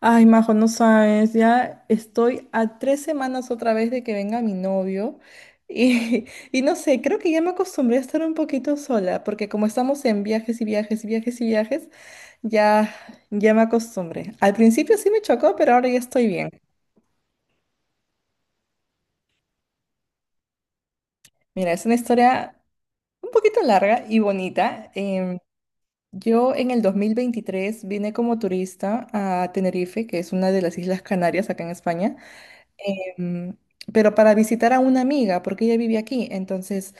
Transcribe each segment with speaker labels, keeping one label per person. Speaker 1: Ay, Majo, no sabes, ya estoy a tres semanas otra vez de que venga mi novio y, y no sé, creo que ya me acostumbré a estar un poquito sola, porque como estamos en viajes y viajes y viajes y viajes, ya, ya me acostumbré. Al principio sí me chocó, pero ahora ya estoy bien. Mira, es una historia un poquito larga y bonita. Yo en el 2023 vine como turista a Tenerife, que es una de las Islas Canarias acá en España. em, pero para visitar a una amiga, porque ella vive aquí. Entonces,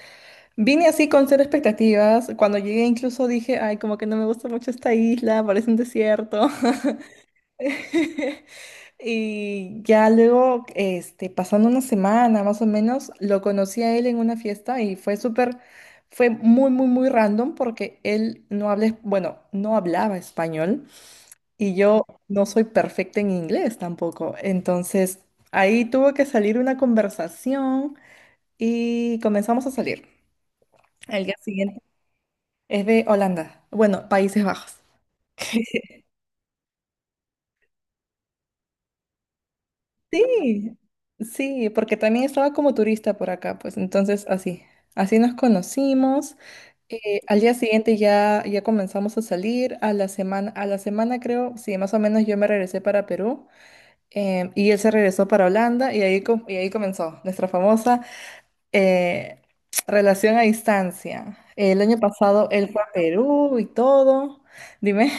Speaker 1: vine así con cero expectativas. Cuando llegué incluso dije, ay, como que no me gusta mucho esta isla, parece un desierto. Y ya luego, este, pasando una semana más o menos, lo conocí a él en una fiesta y fue súper, fue muy, muy, muy random porque él no habla, bueno, no hablaba español. Y yo no soy perfecta en inglés tampoco. Entonces, ahí tuvo que salir una conversación y comenzamos a salir. El día siguiente es de Holanda, bueno, Países Bajos. Sí, sí, porque también estaba como turista por acá, pues entonces así, así nos conocimos. Al día siguiente ya, ya comenzamos a salir, a la semana creo, sí, más o menos yo me regresé para Perú y él se regresó para Holanda y ahí, y ahí comenzó nuestra famosa eh, relación a distancia. El año pasado él fue a Perú y todo. Dime.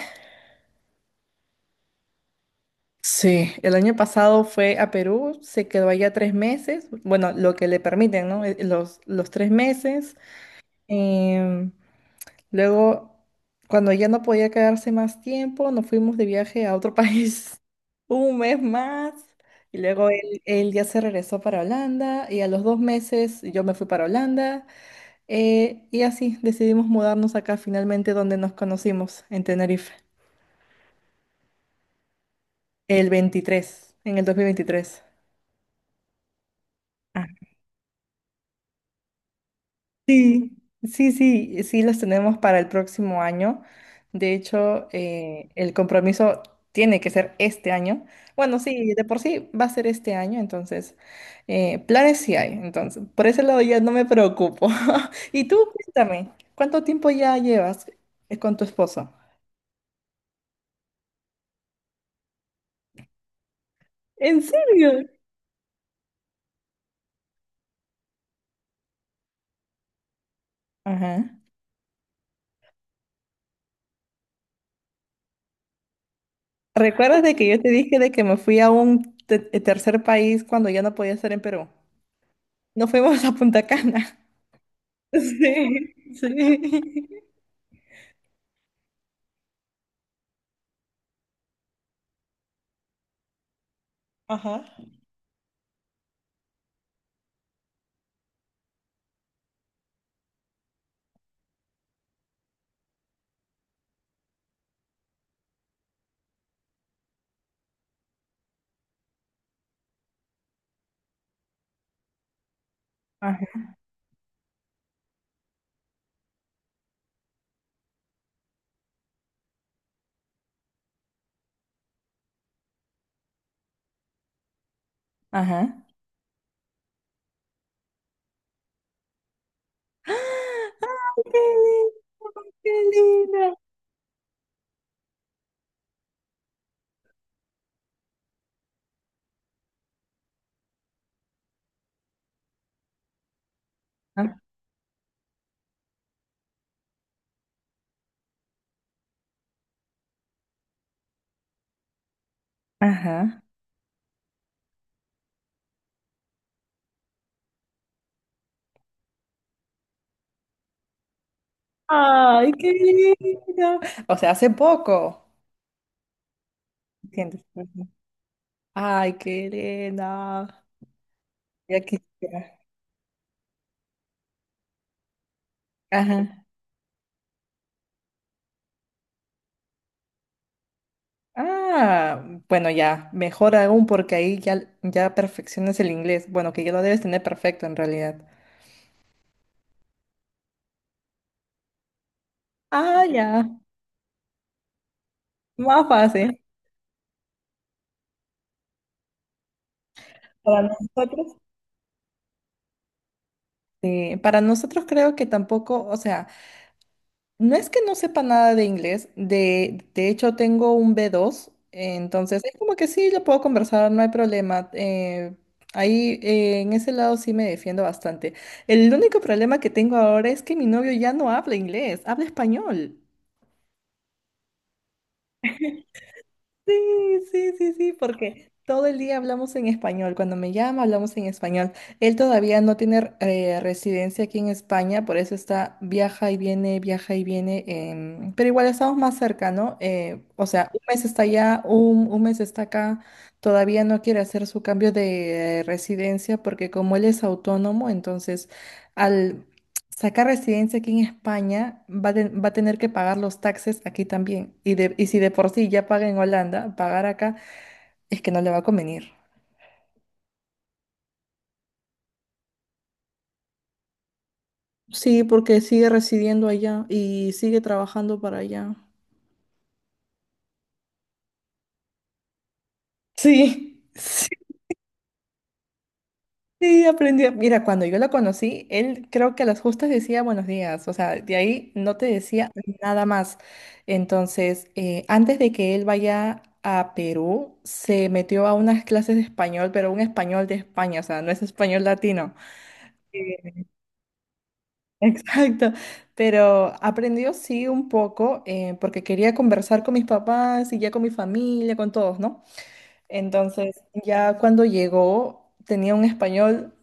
Speaker 1: Sí, el año pasado fue a Perú, se quedó allá tres meses, bueno, lo que le permiten, ¿no? Los tres meses. Em, Luego, cuando ya no podía quedarse más tiempo, nos fuimos de viaje a otro país un mes más. Y luego él, él ya se regresó para Holanda y a los dos meses yo me fui para Holanda. Y así decidimos mudarnos acá finalmente donde nos conocimos, en Tenerife, el 23 en el 2023. Ah, sí, sí, sí, sí las tenemos para el próximo año. De hecho, el compromiso tiene que ser este año. Bueno, sí, de por sí va a ser este año, entonces, planes sí hay. Entonces, por ese lado ya no me preocupo. Y tú, cuéntame, ¿cuánto tiempo ya llevas con tu esposo? ¿En serio? Ajá. ¿Recuerdas de que yo te dije de que me fui a un tercer país cuando ya no podía estar en Perú? No fuimos a Punta Cana. Sí, sí. Ajá. Ajá. Ajá. ¡Ay, qué lindo! ¡Qué lindo! Ah, ajá. ¡Ay, qué lindo! O sea, hace poco. ¿Entiendes? Ajá. ¡Ay, qué lindo! Ya quisiera. Ajá. Ah, bueno, ya, mejor aún porque ahí ya, ya perfeccionas el inglés. Bueno, que ya lo debes tener perfecto en realidad. Ah, ya, más fácil. Para nosotros. Sí, para nosotros creo que tampoco, o sea, no es que no sepa nada de inglés, de hecho tengo un b dos, entonces es como que sí, lo puedo conversar, no hay problema. Ahí en ese lado sí me defiendo bastante. El único problema que tengo ahora es que mi novio ya no habla inglés, habla español. Sí, sí, sí, sí, porque todo el día hablamos en español. Cuando me llama, hablamos en español. Él todavía no tiene residencia aquí en España, por eso está, viaja y viene, viaja y viene. Pero igual estamos más cerca, ¿no? O sea, un mes está allá, un mes está acá. Todavía no quiere hacer su cambio de residencia porque como él es autónomo, entonces al sacar residencia aquí en España, va, va a tener que pagar los taxes aquí también. Y, de, y si de por sí ya paga en Holanda, pagar acá es que no le va a convenir. Sí, porque sigue residiendo allá y sigue trabajando para allá. Sí, sí, aprendí. Mira, cuando yo la conocí, él creo que a las justas decía buenos días, o sea, de ahí no te decía nada más. Entonces, antes de que él vaya a Perú, se metió a unas clases de español, pero un español de España, o sea, no es español latino. Eh, exacto, pero aprendió sí un poco porque quería conversar con mis papás y ya con mi familia, con todos, ¿no? Entonces, ya cuando llegó, tenía un español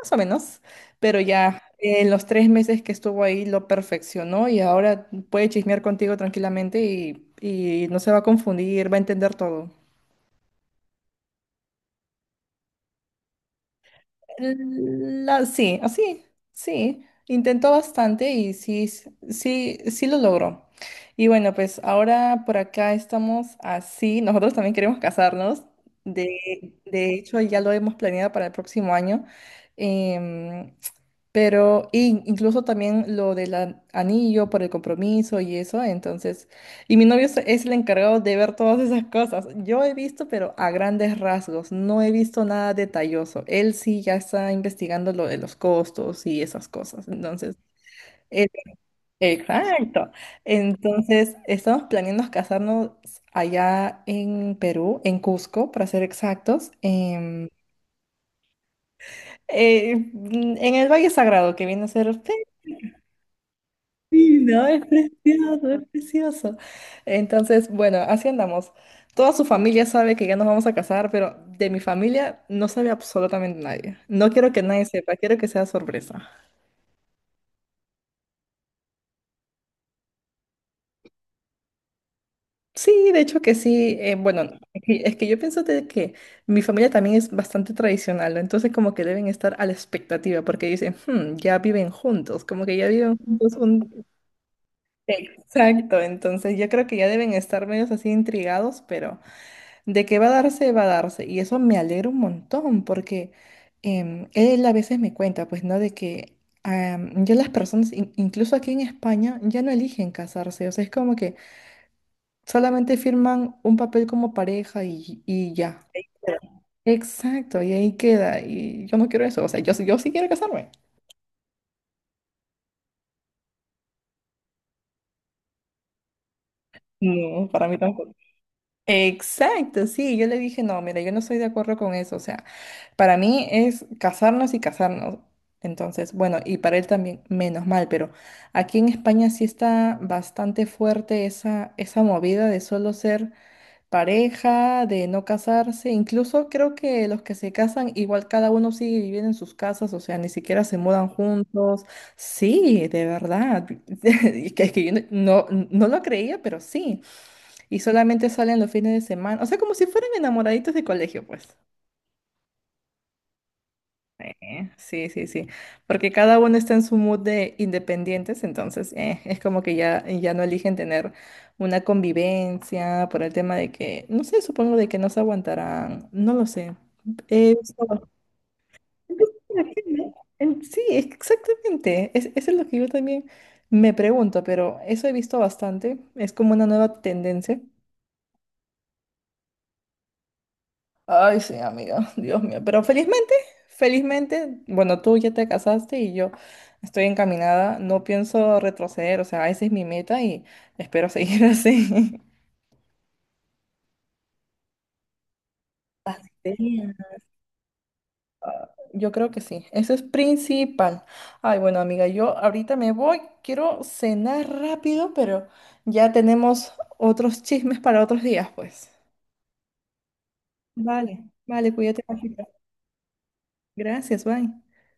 Speaker 1: más o menos, pero ya en los tres meses que estuvo ahí lo perfeccionó y ahora puede chismear contigo tranquilamente y no se va a confundir, va a entender todo. La, sí, así, sí. Intentó bastante y sí, sí, sí lo logró. Y bueno, pues ahora por acá estamos así. Nosotros también queremos casarnos. De, de hecho, ya lo hemos planeado para el próximo año. Em, pero incluso también lo del anillo por el compromiso y eso. Entonces, y mi novio es el encargado de ver todas esas cosas. Yo he visto, pero a grandes rasgos. No he visto nada detalloso. Él sí ya está investigando lo de los costos y esas cosas. Entonces, él- exacto. Entonces, estamos planeando casarnos allá en Perú, en Cusco, para ser exactos, en el Valle Sagrado, que viene a ser sí, no, es precioso, es precioso. Entonces, bueno, así andamos. Toda su familia sabe que ya nos vamos a casar, pero de mi familia no sabe absolutamente nadie. No quiero que nadie sepa, quiero que sea sorpresa. Sí, de hecho que sí. Bueno, es que yo pienso de que mi familia también es bastante tradicional, ¿no? Entonces como que deben estar a la expectativa porque dicen, "Hmm, ya viven juntos, como que ya viven juntos un... Exacto, entonces yo creo que ya deben estar medios así intrigados, pero... De que va a darse, va a darse. Y eso me alegra un montón porque él a veces me cuenta, pues, ¿no? De que ya las personas, incluso aquí en España, ya no eligen casarse. O sea, es como que solamente firman un papel como pareja y ya. Ahí queda. Exacto, y ahí queda. Y yo no quiero eso. O sea, yo, yo sí quiero casarme. No, para mí tampoco. Exacto, sí, yo le dije, no, mira, yo no estoy de acuerdo con eso, o sea, para mí es casarnos y casarnos. Entonces, bueno, y para él también, menos mal, pero aquí en España sí está bastante fuerte esa, esa movida de solo ser pareja, de no casarse, incluso creo que los que se casan, igual cada uno sigue viviendo en sus casas, o sea, ni siquiera se mudan juntos. Sí, de verdad, es que yo no, no lo creía, pero sí. Y solamente salen los fines de semana. O sea, como si fueran enamoraditos de colegio, pues. Sí, sí, sí. Porque cada uno está en su mood de independientes, entonces es como que ya, ya no eligen tener una convivencia por el tema de que, no sé, supongo de que no se aguantarán, no lo sé. Eh, so- Sí, exactamente. Es, eso es lo que yo también me pregunto, pero eso he visto bastante. Es como una nueva tendencia. Ay, sí, amiga, Dios mío. Pero felizmente, felizmente, bueno, tú ya te casaste y yo estoy encaminada, no pienso retroceder, o sea, esa es mi meta y espero seguir así. Sí. Yo creo que sí, eso es principal. Ay, bueno, amiga, yo ahorita me voy, quiero cenar rápido, pero ya tenemos otros chismes para otros días, pues. Vale. Vale, cuídate, Paquita. Gracias, bye.